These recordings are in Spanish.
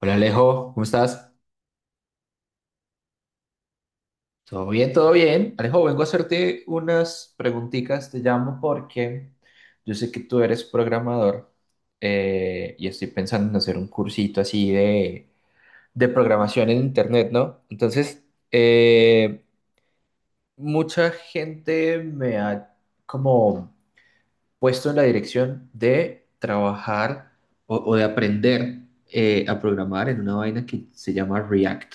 Hola Alejo, ¿cómo estás? Todo bien, todo bien. Alejo, vengo a hacerte unas preguntitas, te llamo porque yo sé que tú eres programador, y estoy pensando en hacer un cursito así de programación en Internet, ¿no? Entonces, eh, mucha gente me ha como puesto en la dirección de trabajar o de aprender, a programar en una vaina que se llama React.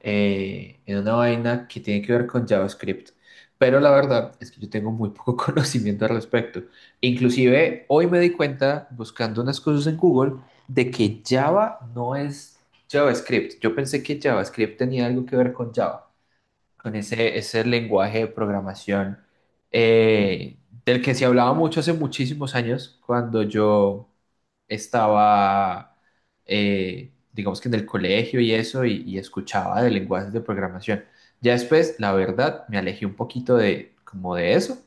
En una vaina que tiene que ver con JavaScript. Pero la verdad es que yo tengo muy poco conocimiento al respecto. Inclusive hoy me di cuenta buscando unas cosas en Google de que Java no es JavaScript. Yo pensé que JavaScript tenía algo que ver con Java, con ese lenguaje de programación eh, del que se hablaba mucho hace muchísimos años cuando yo estaba, digamos que en el colegio y eso, y escuchaba de lenguajes de programación. Ya después, la verdad, me alejé un poquito de, como de eso,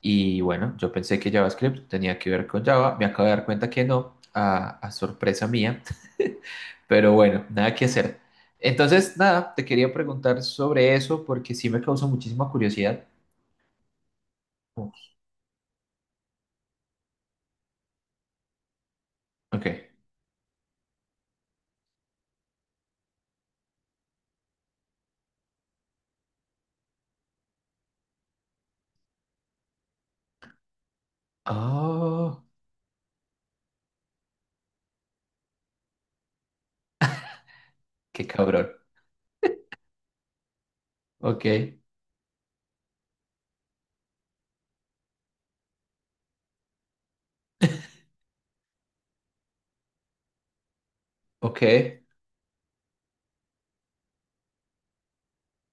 y bueno, yo pensé que JavaScript tenía que ver con Java, me acabo de dar cuenta que no, a sorpresa mía. Pero bueno, nada que hacer. Entonces, nada, te quería preguntar sobre eso porque sí me causó muchísima curiosidad. Oh, ok. Oh, qué cabrón. Ok, ok.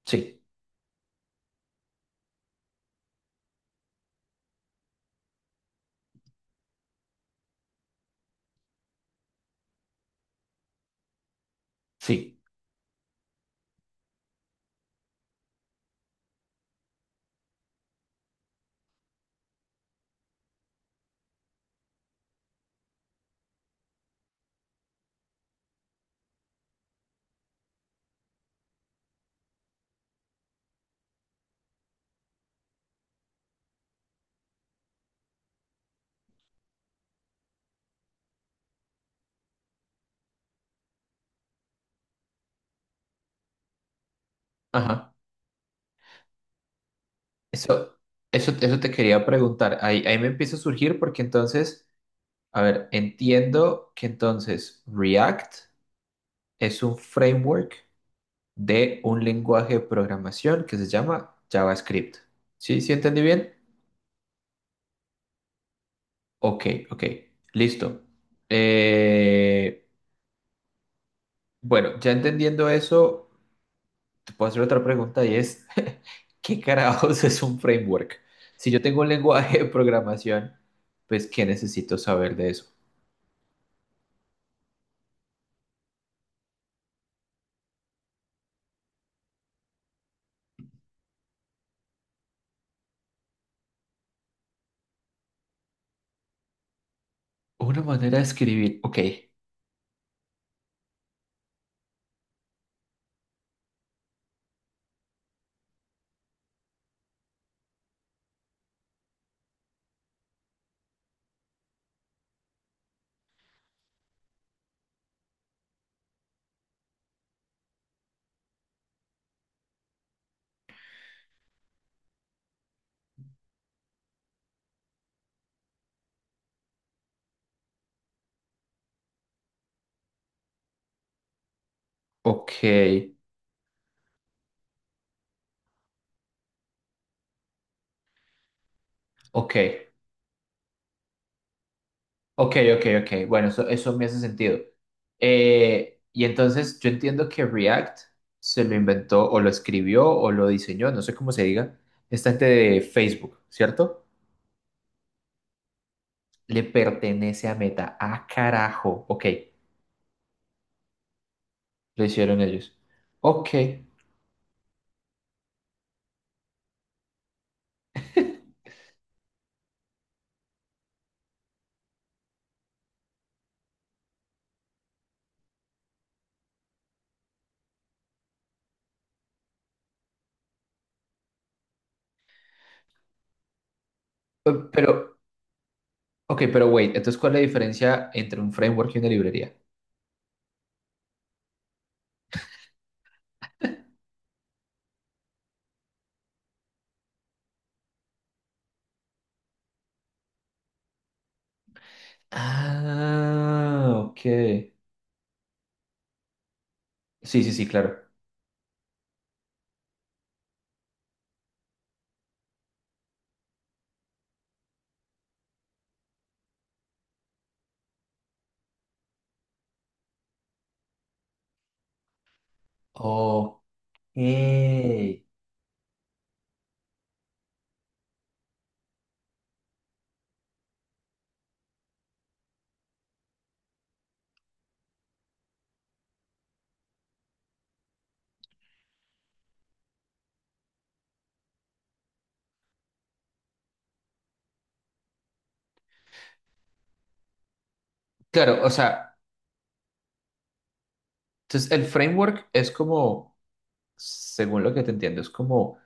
Sí, sí. Ajá. Eso, eso te quería preguntar. Ahí, ahí me empieza a surgir porque entonces, a ver, entiendo que entonces React es un framework de un lenguaje de programación que se llama JavaScript. ¿Sí? ¿Sí entendí bien? Ok, ok, listo. Eh, bueno, ya entendiendo eso, te puedo hacer otra pregunta y es, ¿qué carajos es un framework? Si yo tengo un lenguaje de programación, pues ¿qué necesito saber de eso? Una manera de escribir, ok, ok, ok, ok, ok, ok. Bueno, eso me hace sentido. Y entonces yo entiendo que React se lo inventó o lo escribió o lo diseñó, no sé cómo se diga, esta gente de Facebook, ¿cierto? Le pertenece a Meta. Ah, carajo. Ok, lo hicieron ellos. Ok, pero, ok, pero wait, entonces, ¿cuál es la diferencia entre un framework y una librería? Ah, ok. Sí, sí, sí, claro. Ok. Claro, o sea, entonces el framework es como, según lo que te entiendo, es como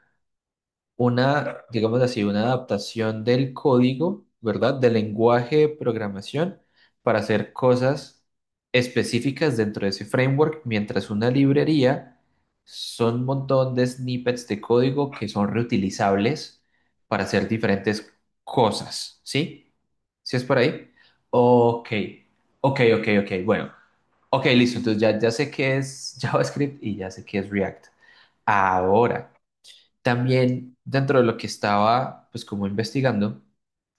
una, digamos así, una adaptación del código, ¿verdad? Del lenguaje de programación para hacer cosas específicas dentro de ese framework, mientras una librería son un montón de snippets de código que son reutilizables para hacer diferentes cosas, ¿sí? ¿Sí es por ahí? Ok, ok, ok, ok, bueno. Ok, listo, entonces ya, ya sé qué es JavaScript y ya sé qué es React. Ahora, también dentro de lo que estaba, pues como investigando,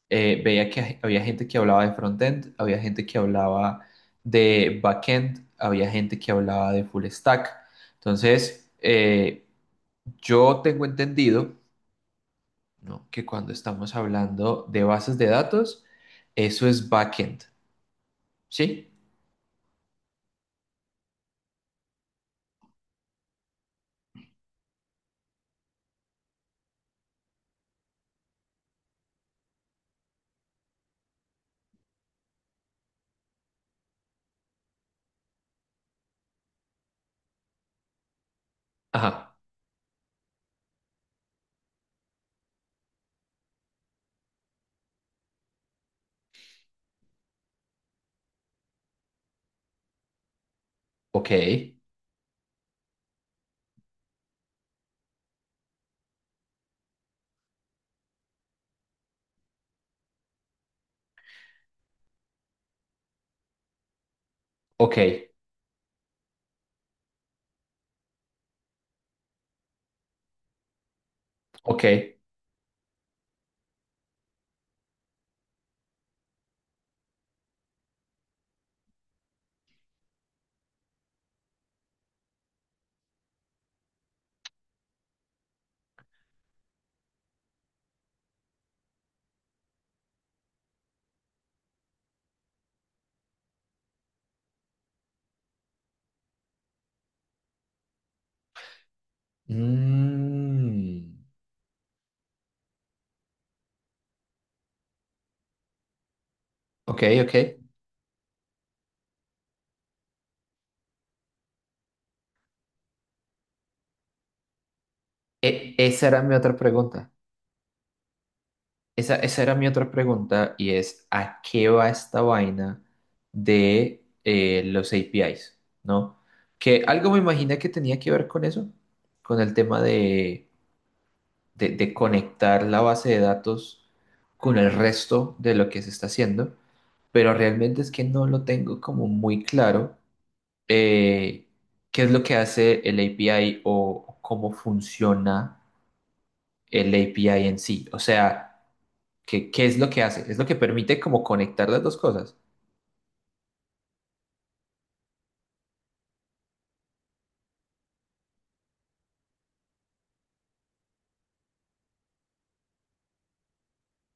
veía que había gente que hablaba de frontend, había gente que hablaba de backend, había gente que hablaba de full stack. Entonces, yo tengo entendido, ¿no?, que cuando estamos hablando de bases de datos, eso es backend, ¿sí? Ajá, ok, ok, ok. Mm, ok, ok. Esa era mi otra pregunta. Esa era mi otra pregunta y es, ¿a qué va esta vaina de los APIs? ¿No? Que algo me imaginé que tenía que ver con eso, con el tema de, de conectar la base de datos con el resto de lo que se está haciendo, pero realmente es que no lo tengo como muy claro, eh, qué es lo que hace el API o cómo funciona el API en sí. O sea... ¿Qué, qué es lo que hace? Es lo que permite como conectar las dos cosas.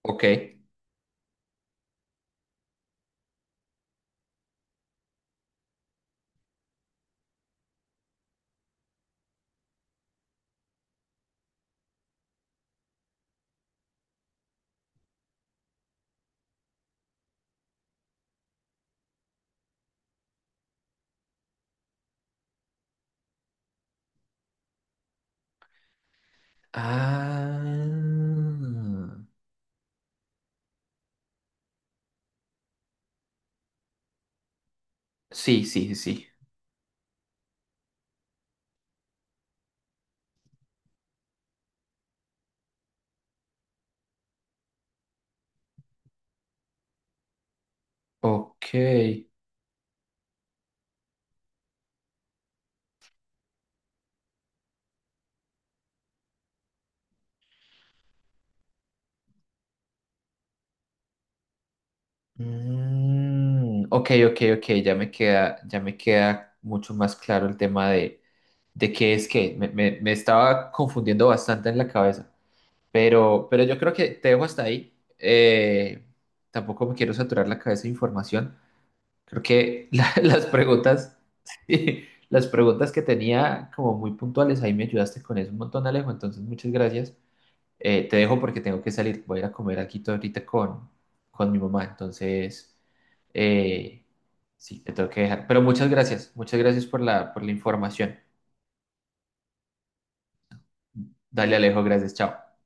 Ok. Ah. Sí, sí, sí. Ok. Mm, ok, ok, ok. Ya me queda mucho más claro el tema de qué es qué. Me, me estaba confundiendo bastante en la cabeza. Pero yo creo que te dejo hasta ahí. Tampoco me quiero saturar la cabeza de información. Creo que las preguntas, sí, las preguntas que tenía como muy puntuales, ahí me ayudaste con eso un montón, Alejo. Entonces, muchas gracias. Te dejo porque tengo que salir. Voy a ir a comer aquí ahorita con mi mamá. Entonces, eh, sí, te tengo que dejar. Pero muchas gracias. Muchas gracias por la información. Dale, Alejo. Gracias. Chao.